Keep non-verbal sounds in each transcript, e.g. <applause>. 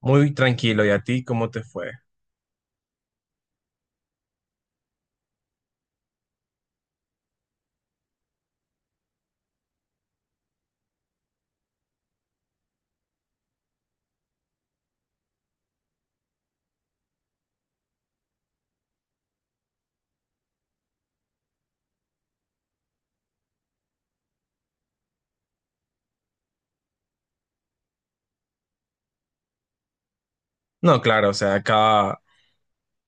Muy tranquilo, ¿y a ti cómo te fue? No, claro, o sea, cada,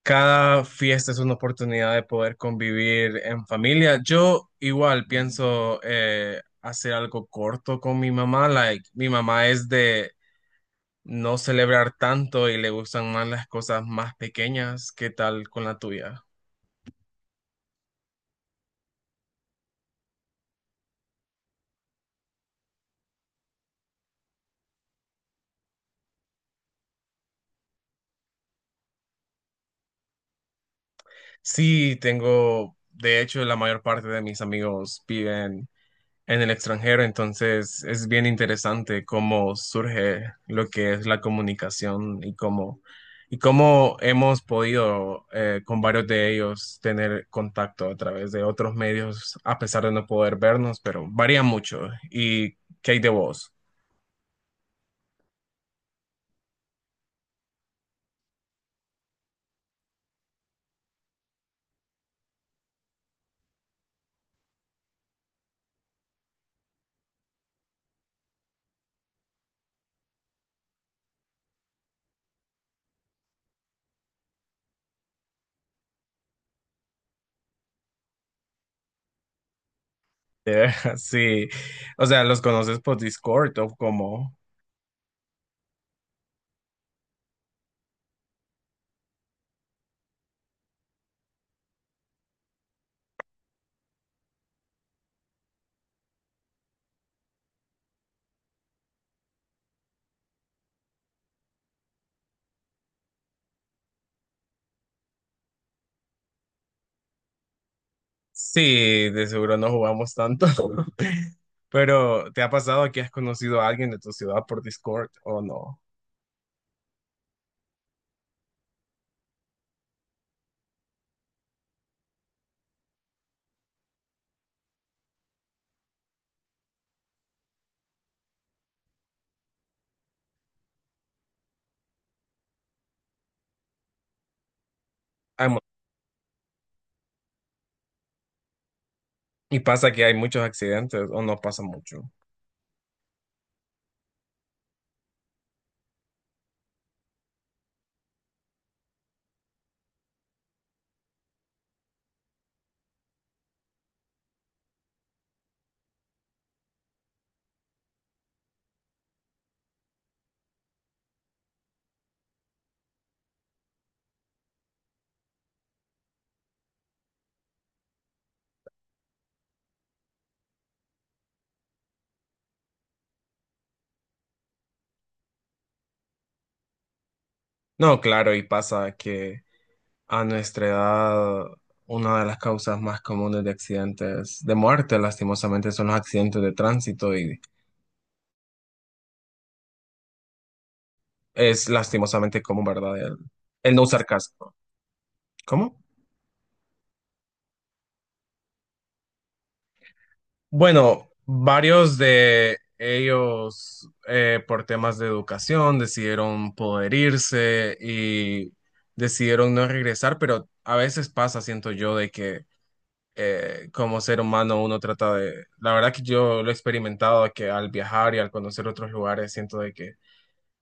cada fiesta es una oportunidad de poder convivir en familia. Yo igual pienso hacer algo corto con mi mamá. Like, mi mamá es de no celebrar tanto y le gustan más las cosas más pequeñas. ¿Qué tal con la tuya? Sí, tengo, de hecho, la mayor parte de mis amigos viven en el extranjero, entonces es bien interesante cómo surge lo que es la comunicación y cómo hemos podido con varios de ellos tener contacto a través de otros medios, a pesar de no poder vernos, pero varía mucho. ¿Y qué hay de vos? Eh, <laughs> Sí, o sea, ¿los conoces por Discord o como...? Sí, de seguro no jugamos tanto. <laughs> Pero, ¿te ha pasado que has conocido a alguien de tu ciudad por Discord o no? Hay. Y pasa que hay muchos accidentes, ¿o no pasa mucho? No, claro, y pasa que a nuestra edad, una de las causas más comunes de accidentes de muerte, lastimosamente, son los accidentes de tránsito y es lastimosamente común, ¿verdad? El no usar casco. ¿Cómo? Bueno, varios de ellos, por temas de educación, decidieron poder irse y decidieron no regresar, pero a veces pasa, siento yo, de que como ser humano uno trata de, la verdad que yo lo he experimentado, que al viajar y al conocer otros lugares siento de que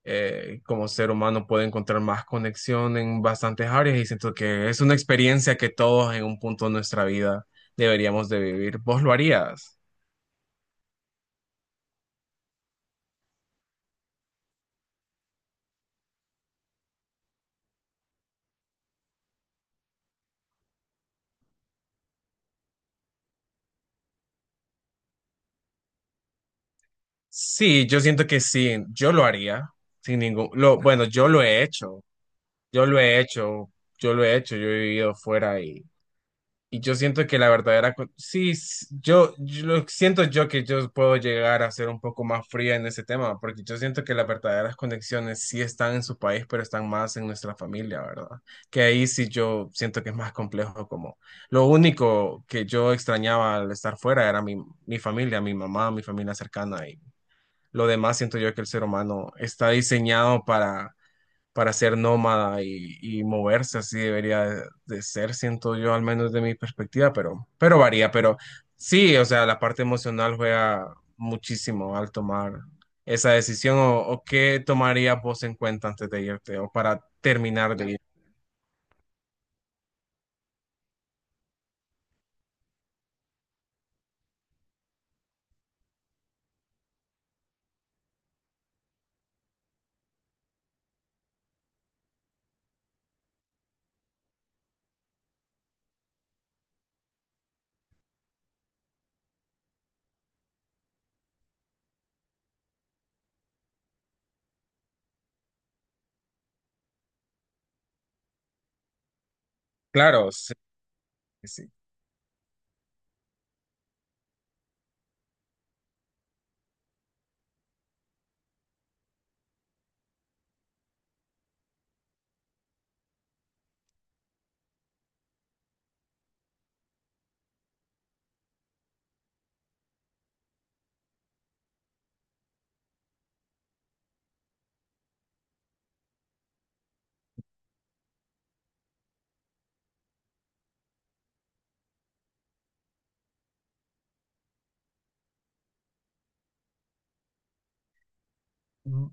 como ser humano puedo encontrar más conexión en bastantes áreas y siento que es una experiencia que todos en un punto de nuestra vida deberíamos de vivir. ¿Vos lo harías? Sí, yo siento que sí, yo lo haría sin ningún, lo, bueno, yo lo he hecho, yo lo he hecho, yo he vivido fuera. Y yo siento que la verdadera... Sí, yo siento yo que yo puedo llegar a ser un poco más fría en ese tema, porque yo siento que las verdaderas conexiones sí están en su país, pero están más en nuestra familia, ¿verdad? Que ahí sí yo siento que es más complejo, como lo único que yo extrañaba al estar fuera era mi familia, mi mamá, mi familia cercana, y lo demás siento yo que el ser humano está diseñado para ser nómada y moverse así debería de ser, siento yo, al menos de mi perspectiva, pero varía, pero sí, o sea, la parte emocional juega muchísimo al tomar esa decisión o qué tomarías vos en cuenta antes de irte o para terminar de ir. Claro, sí, sí.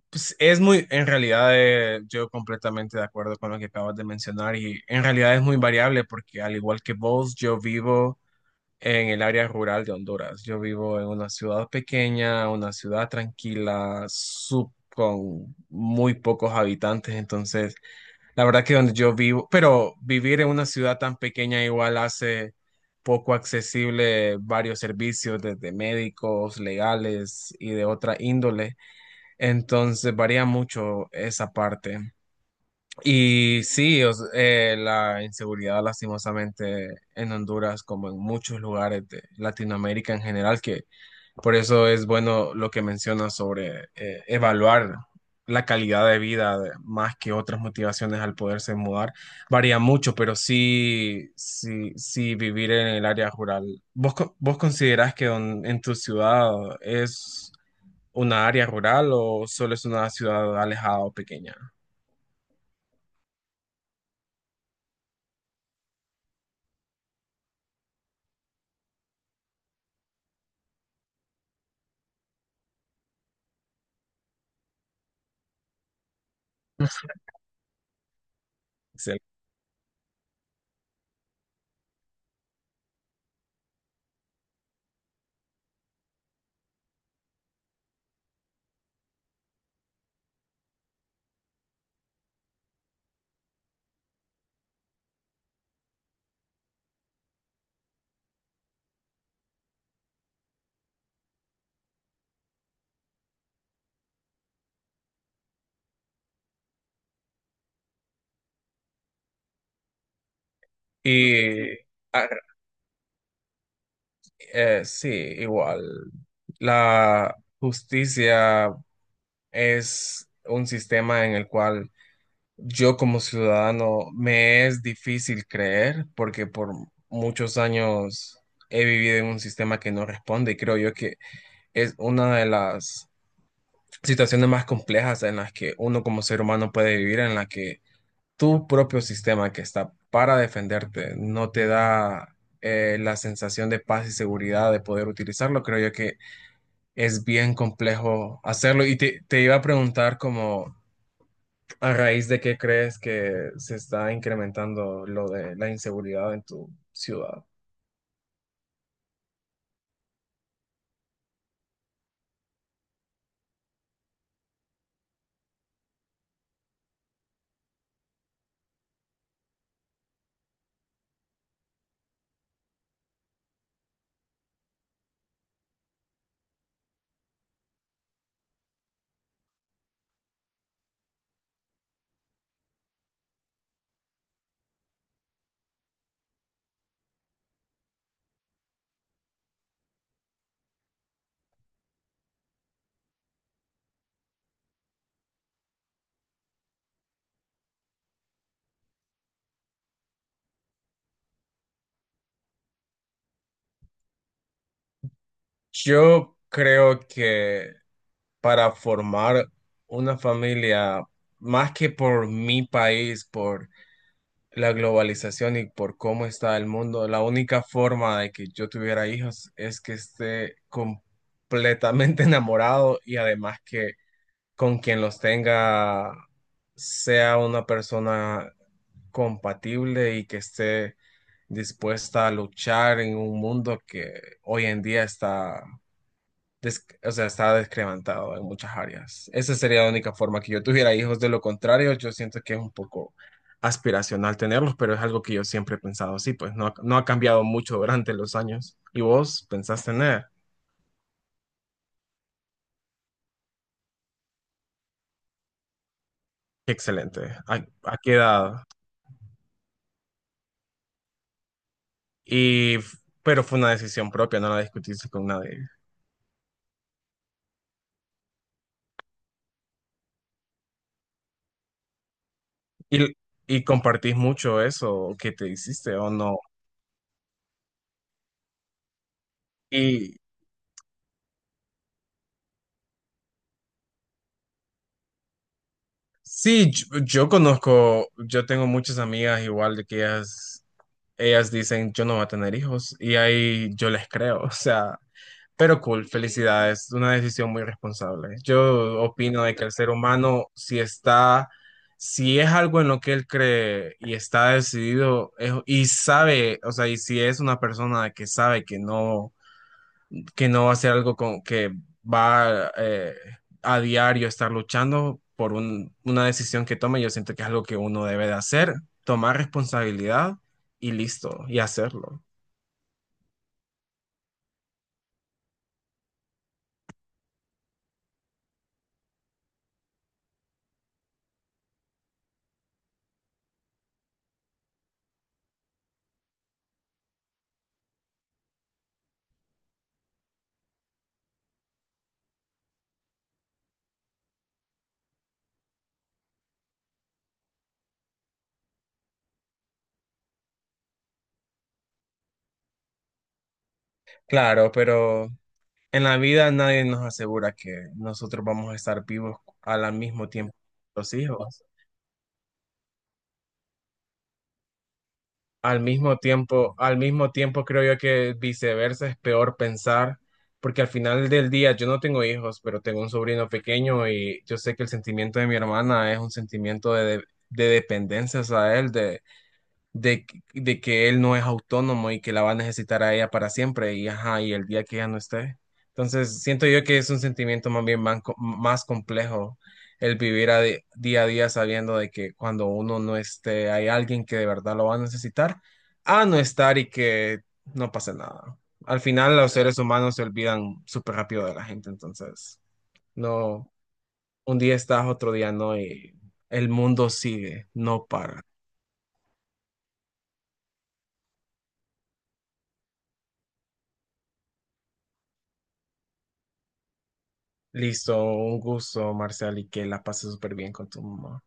Pues es muy, en realidad, yo completamente de acuerdo con lo que acabas de mencionar y en realidad es muy variable porque al igual que vos, yo vivo en el área rural de Honduras. Yo vivo en una ciudad pequeña, una ciudad tranquila, con muy pocos habitantes. Entonces, la verdad que donde yo vivo, pero vivir en una ciudad tan pequeña igual hace poco accesible varios servicios, desde médicos, legales y de otra índole. Entonces, varía mucho esa parte. Y sí, o la inseguridad lastimosamente en Honduras, como en muchos lugares de Latinoamérica en general, que por eso es bueno lo que mencionas sobre evaluar la calidad de más que otras motivaciones al poderse mudar. Varía mucho, pero sí vivir en el área rural. ¿Vos, vos considerás que en tu ciudad es una área rural o solo es una ciudad alejada o pequeña? Excel-. Y ah, sí, igual. La justicia es un sistema en el cual yo como ciudadano me es difícil creer porque por muchos años he vivido en un sistema que no responde y creo yo que es una de las situaciones más complejas en las que uno como ser humano puede vivir, en la que tu propio sistema que está para defenderte no te da la sensación de paz y seguridad de poder utilizarlo, creo yo que es bien complejo hacerlo. Y te iba a preguntar como a raíz de qué crees que se está incrementando lo de la inseguridad en tu ciudad. Yo creo que para formar una familia, más que por mi país, por la globalización y por cómo está el mundo, la única forma de que yo tuviera hijos es que esté completamente <laughs> enamorado y además que con quien los tenga sea una persona compatible y que esté dispuesta a luchar en un mundo que hoy en día está des- o sea, está descremantado en muchas áreas. Esa sería la única forma que yo tuviera hijos. De lo contrario, yo siento que es un poco aspiracional tenerlos, pero es algo que yo siempre he pensado así, pues no, no ha cambiado mucho durante los años. ¿Y vos pensás tener? Qué excelente. A qué edad? Y, pero fue una decisión propia, ¿no la discutiste con nadie? ¿Y, y compartís mucho eso que te hiciste o no? Y sí, yo conozco, yo tengo muchas amigas igual de que ellas dicen, yo no voy a tener hijos y ahí yo les creo, <laughs> o sea, pero cool, felicidades, una decisión muy responsable. Yo opino de que el ser humano, si está, si es algo en lo que él cree y está decidido y sabe, o sea, y si es una persona que sabe que no va a ser algo con, que va a diario estar luchando por una decisión que tome. Yo siento que es algo que uno debe de hacer, tomar responsabilidad y listo, y hacerlo. Claro, pero en la vida nadie nos asegura que nosotros vamos a estar vivos al mismo tiempo que los hijos. Al mismo tiempo creo yo que viceversa es peor pensar, porque al final del día yo no tengo hijos, pero tengo un sobrino pequeño y yo sé que el sentimiento de mi hermana es un sentimiento dependencia a él, de, de que él no es autónomo y que la va a necesitar a ella para siempre y ajá, y el día que ella no esté. Entonces, siento yo que es un sentimiento más bien más complejo el vivir a día a día sabiendo de que cuando uno no esté, hay alguien que de verdad lo va a necesitar, a no estar y que no pase nada. Al final, los seres humanos se olvidan súper rápido de la gente, entonces, no, un día estás, otro día no, y el mundo sigue, no para. Listo, un gusto, Marcial, y que la pases súper bien con tu mamá.